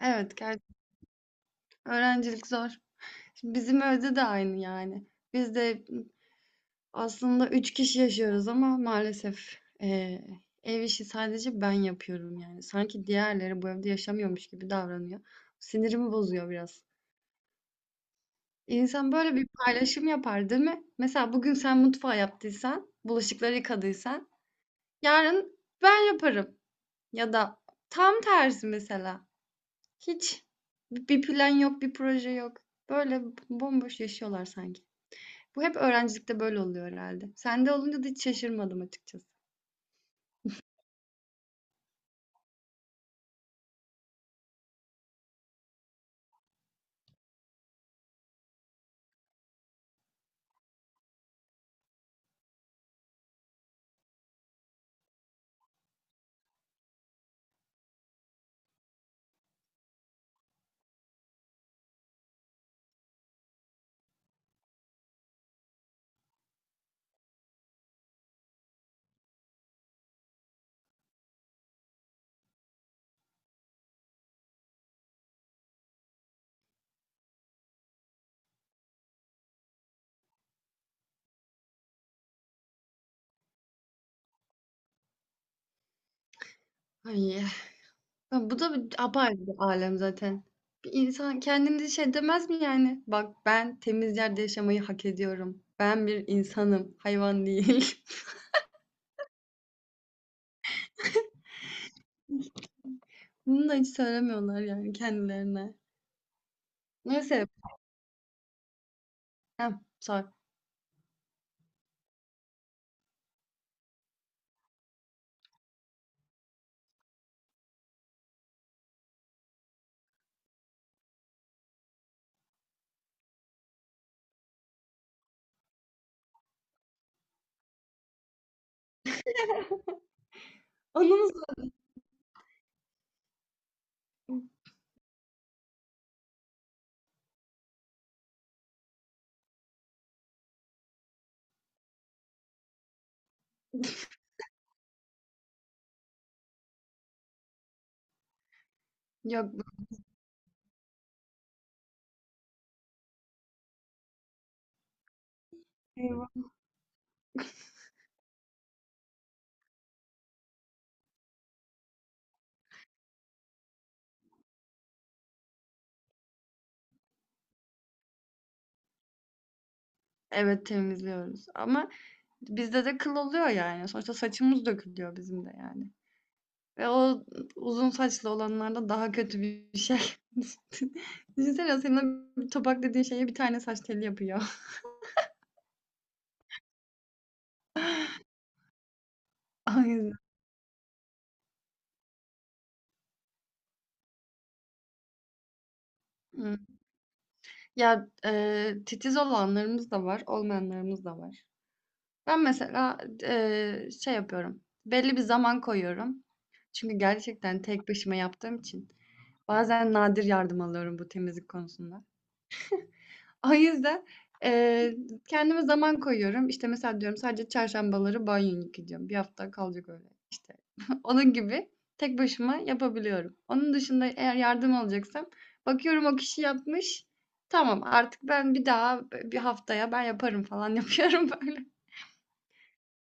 Evet, öğrencilik zor. Şimdi bizim evde de aynı yani. Biz de aslında 3 kişi yaşıyoruz ama maalesef ev işi sadece ben yapıyorum yani. Sanki diğerleri bu evde yaşamıyormuş gibi davranıyor. Sinirimi bozuyor biraz. İnsan böyle bir paylaşım yapar, değil mi? Mesela bugün sen mutfağı yaptıysan, bulaşıkları yıkadıysan, yarın ben yaparım. Ya da tam tersi mesela. Hiç bir plan yok, bir proje yok. Böyle bomboş yaşıyorlar sanki. Bu hep öğrencilikte böyle oluyor herhâlde. Sende olunca da hiç şaşırmadım açıkçası. Ay, ya bu da bir apayrı bir alem zaten. Bir insan kendine şey demez mi yani? Bak ben temiz yerde yaşamayı hak ediyorum. Ben bir insanım, hayvan değil. Bunu da hiç söylemiyorlar yani kendilerine. Neyse. Heh, sor. Anımız yok. bu- Evet, temizliyoruz ama bizde de kıl oluyor yani. Sonuçta saçımız dökülüyor bizim de yani. Ve o uzun saçlı olanlarda daha kötü bir şey. Düşünsene, senin bir topak dediğin şeye bir tane saç teli yapıyor. O yüzden. Hı. Ya titiz olanlarımız da var, olmayanlarımız da var. Ben mesela şey yapıyorum. Belli bir zaman koyuyorum. Çünkü gerçekten tek başıma yaptığım için. Bazen nadir yardım alıyorum bu temizlik konusunda. O yüzden eee, kendime zaman koyuyorum. İşte, mesela diyorum sadece çarşambaları banyo yıkayacağım, bir hafta kalacak öyle, işte. Onun gibi tek başıma yapabiliyorum. Onun dışında eğer yardım alacaksam bakıyorum, o kişi yapmış. Tamam, artık ben bir daha, bir haftaya ben yaparım falan yapıyorum böyle.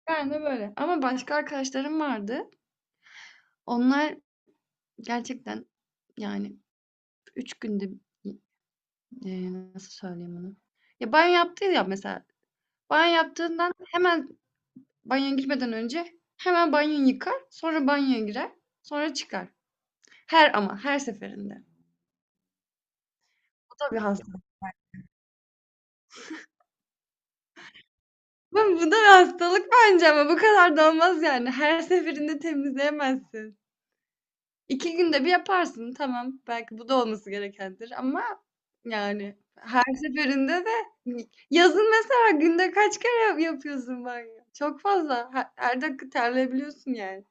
Ben de böyle. Ama başka arkadaşlarım vardı. Onlar gerçekten, yani, 3 günde, nasıl söyleyeyim onu? Ya, banyo yaptı ya mesela, banyo yaptığından hemen banyoya girmeden önce hemen banyoyu yıkar, sonra banyoya girer, sonra çıkar. Her ama her seferinde. Bu da bir hastalık. Bu da bir hastalık bence ama bu kadar da olmaz yani. Her seferinde temizleyemezsin. 2 günde bir yaparsın, tamam. Belki bu da olması gerekendir ama yani her seferinde de yazın mesela günde kaç kere yapıyorsun banyo? Çok fazla. Her dakika terleyebiliyorsun yani.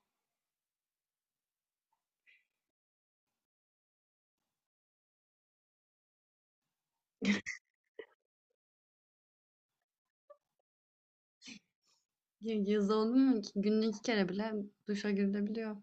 Yaz oldu mu ki günde 2 kere bile duşa girilebiliyor.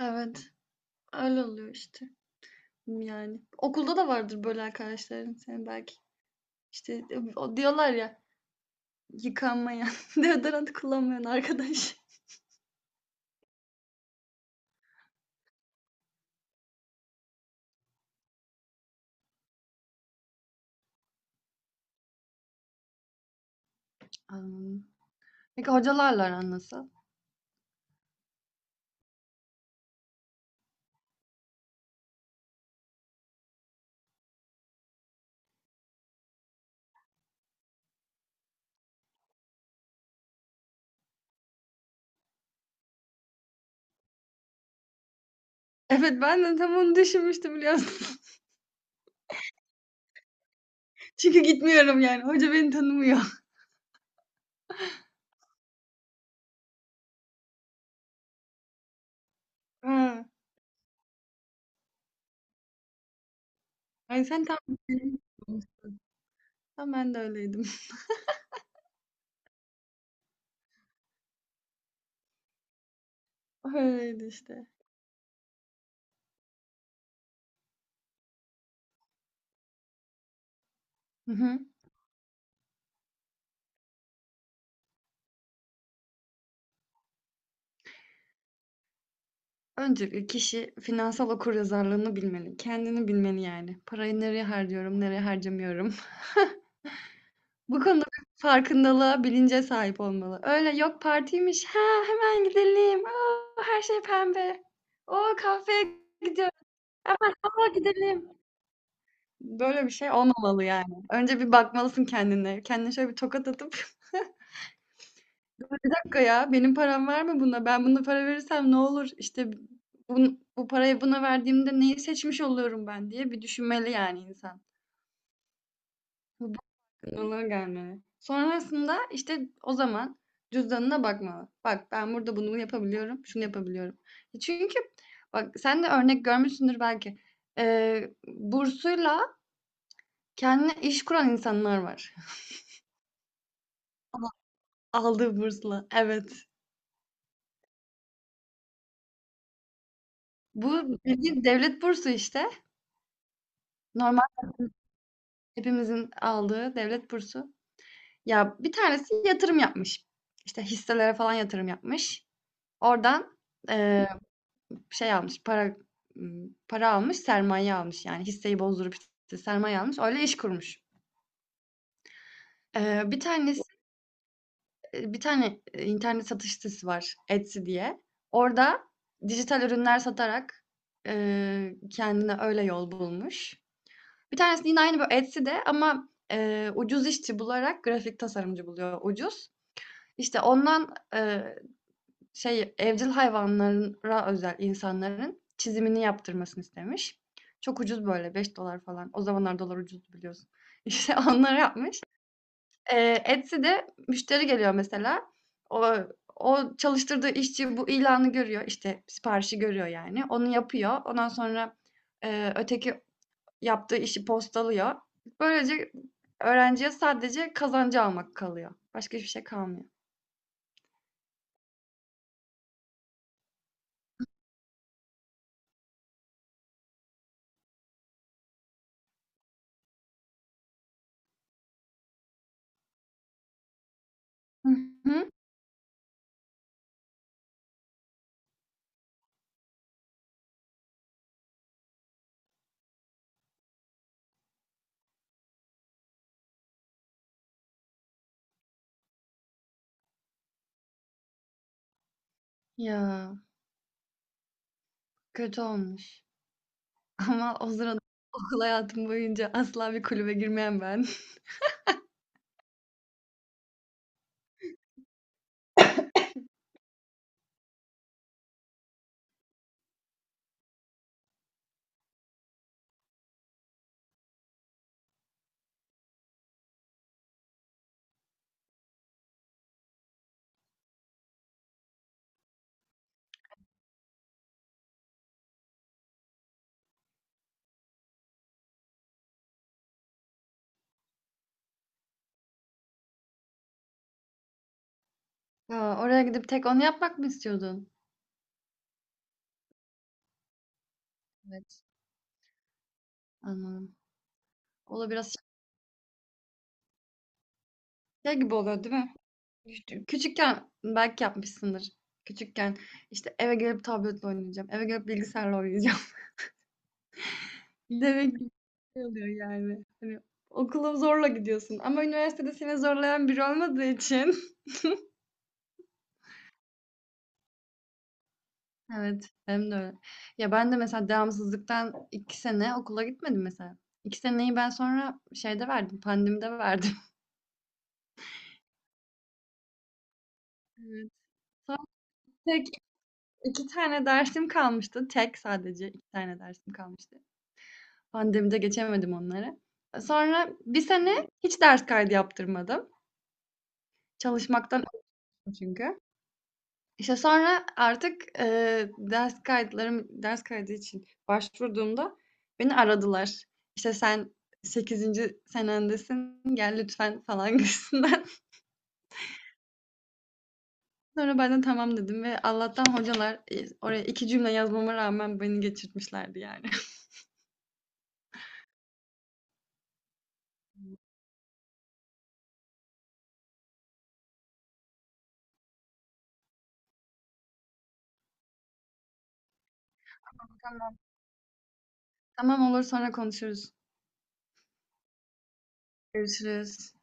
Evet. Öyle oluyor işte. Yani. Okulda da vardır böyle arkadaşların senin belki. İşte, o diyorlar ya, yıkanmayan, deodorant kullanmayan arkadaş. Anladım. Peki hocalarla aran nasıl? Evet, ben de tam onu düşünmüştüm, biliyorsun. Çünkü gitmiyorum yani. Hoca beni tanımıyor. Ha. Yani sen tam tam ben de öyleydim. Öyleydi işte. Hı hı. Öncelikle kişi finansal okuryazarlığını bilmeli. Kendini bilmeli yani. Parayı nereye harcıyorum, nereye harcamıyorum. Bu konuda bir farkındalığa, bilince sahip olmalı. Öyle "Yok, partiymiş. Ha, hemen gidelim. O, her şey pembe. O, kahveye gidiyoruz. Hemen, a, gidelim." Böyle bir şey olmamalı yani. Önce bir bakmalısın kendine. Kendine şöyle bir tokat atıp "Bir dakika ya, benim param var mı buna? Ben buna para verirsem ne olur? İşte bu parayı buna verdiğimde neyi seçmiş oluyorum ben?" diye bir düşünmeli yani insan. Onlara gelmeli. Sonrasında işte o zaman cüzdanına bakmalı. Bak, ben burada bunu yapabiliyorum, şunu yapabiliyorum. Çünkü bak, sen de örnek görmüşsündür belki. Bursuyla kendine iş kuran insanlar var. Aldığı bursla. Evet. Bu bildiğin devlet bursu işte. Normal hepimizin aldığı devlet bursu. Ya bir tanesi yatırım yapmış. İşte hisselere falan yatırım yapmış. Oradan ee, şey almış, para almış, sermaye almış. Yani hisseyi bozdurup işte sermaye almış, öyle iş kurmuş. Bir tanesi, bir tane, internet satış sitesi var, Etsy diye. Orada dijital ürünler satarak kendine öyle yol bulmuş. Bir tanesi yine aynı böyle Etsy'de ama ucuz işçi bularak grafik tasarımcı buluyor ucuz. İşte ondan, şey, evcil hayvanlara özel insanların çizimini yaptırmasını istemiş. Çok ucuz, böyle 5 dolar falan. O zamanlar dolar ucuzdu, biliyorsun. İşte onları yapmış. Etsy'de müşteri geliyor mesela. O o çalıştırdığı işçi bu ilanı görüyor, işte, siparişi görüyor yani. Onu yapıyor. Ondan sonra öteki yaptığı işi postalıyor. Böylece öğrenciye sadece kazancı almak kalıyor. Başka hiçbir şey kalmıyor. Hı hı. Ya, kötü olmuş. Ama o sırada okul hayatım boyunca asla bir kulübe girmeyen ben. Ya, oraya gidip tek onu yapmak mı istiyordun? Evet. Anladım. O da biraz şey gibi oluyor, değil mi? Küçükken belki yapmışsındır. Küçükken işte, eve gelip tabletle oynayacağım. Eve gelip bilgisayarla oynayacağım. Demek ki şey oluyor yani. Hani okula zorla gidiyorsun. Ama üniversitede seni zorlayan biri olmadığı için. Evet, benim de öyle. Ya ben de mesela devamsızlıktan 2 sene okula gitmedim mesela. 2 seneyi ben sonra şeyde verdim, pandemide verdim. Evet. Sonra tek 2 tane dersim kalmıştı. Tek sadece 2 tane dersim kalmıştı. Pandemide geçemedim onları. Sonra 1 sene hiç ders kaydı yaptırmadım. Çalışmaktan öldüm çünkü. İşte, sonra artık ders kayıtlarım ders kaydı için başvurduğumda beni aradılar. İşte, "Sen sekizinci senendesin, gel lütfen." falan gibisinden. Sonra ben de "Tamam." dedim ve Allah'tan hocalar oraya 2 cümle yazmama rağmen beni geçirtmişlerdi yani. "Tamam, tamam olur, sonra konuşuruz. Görüşürüz."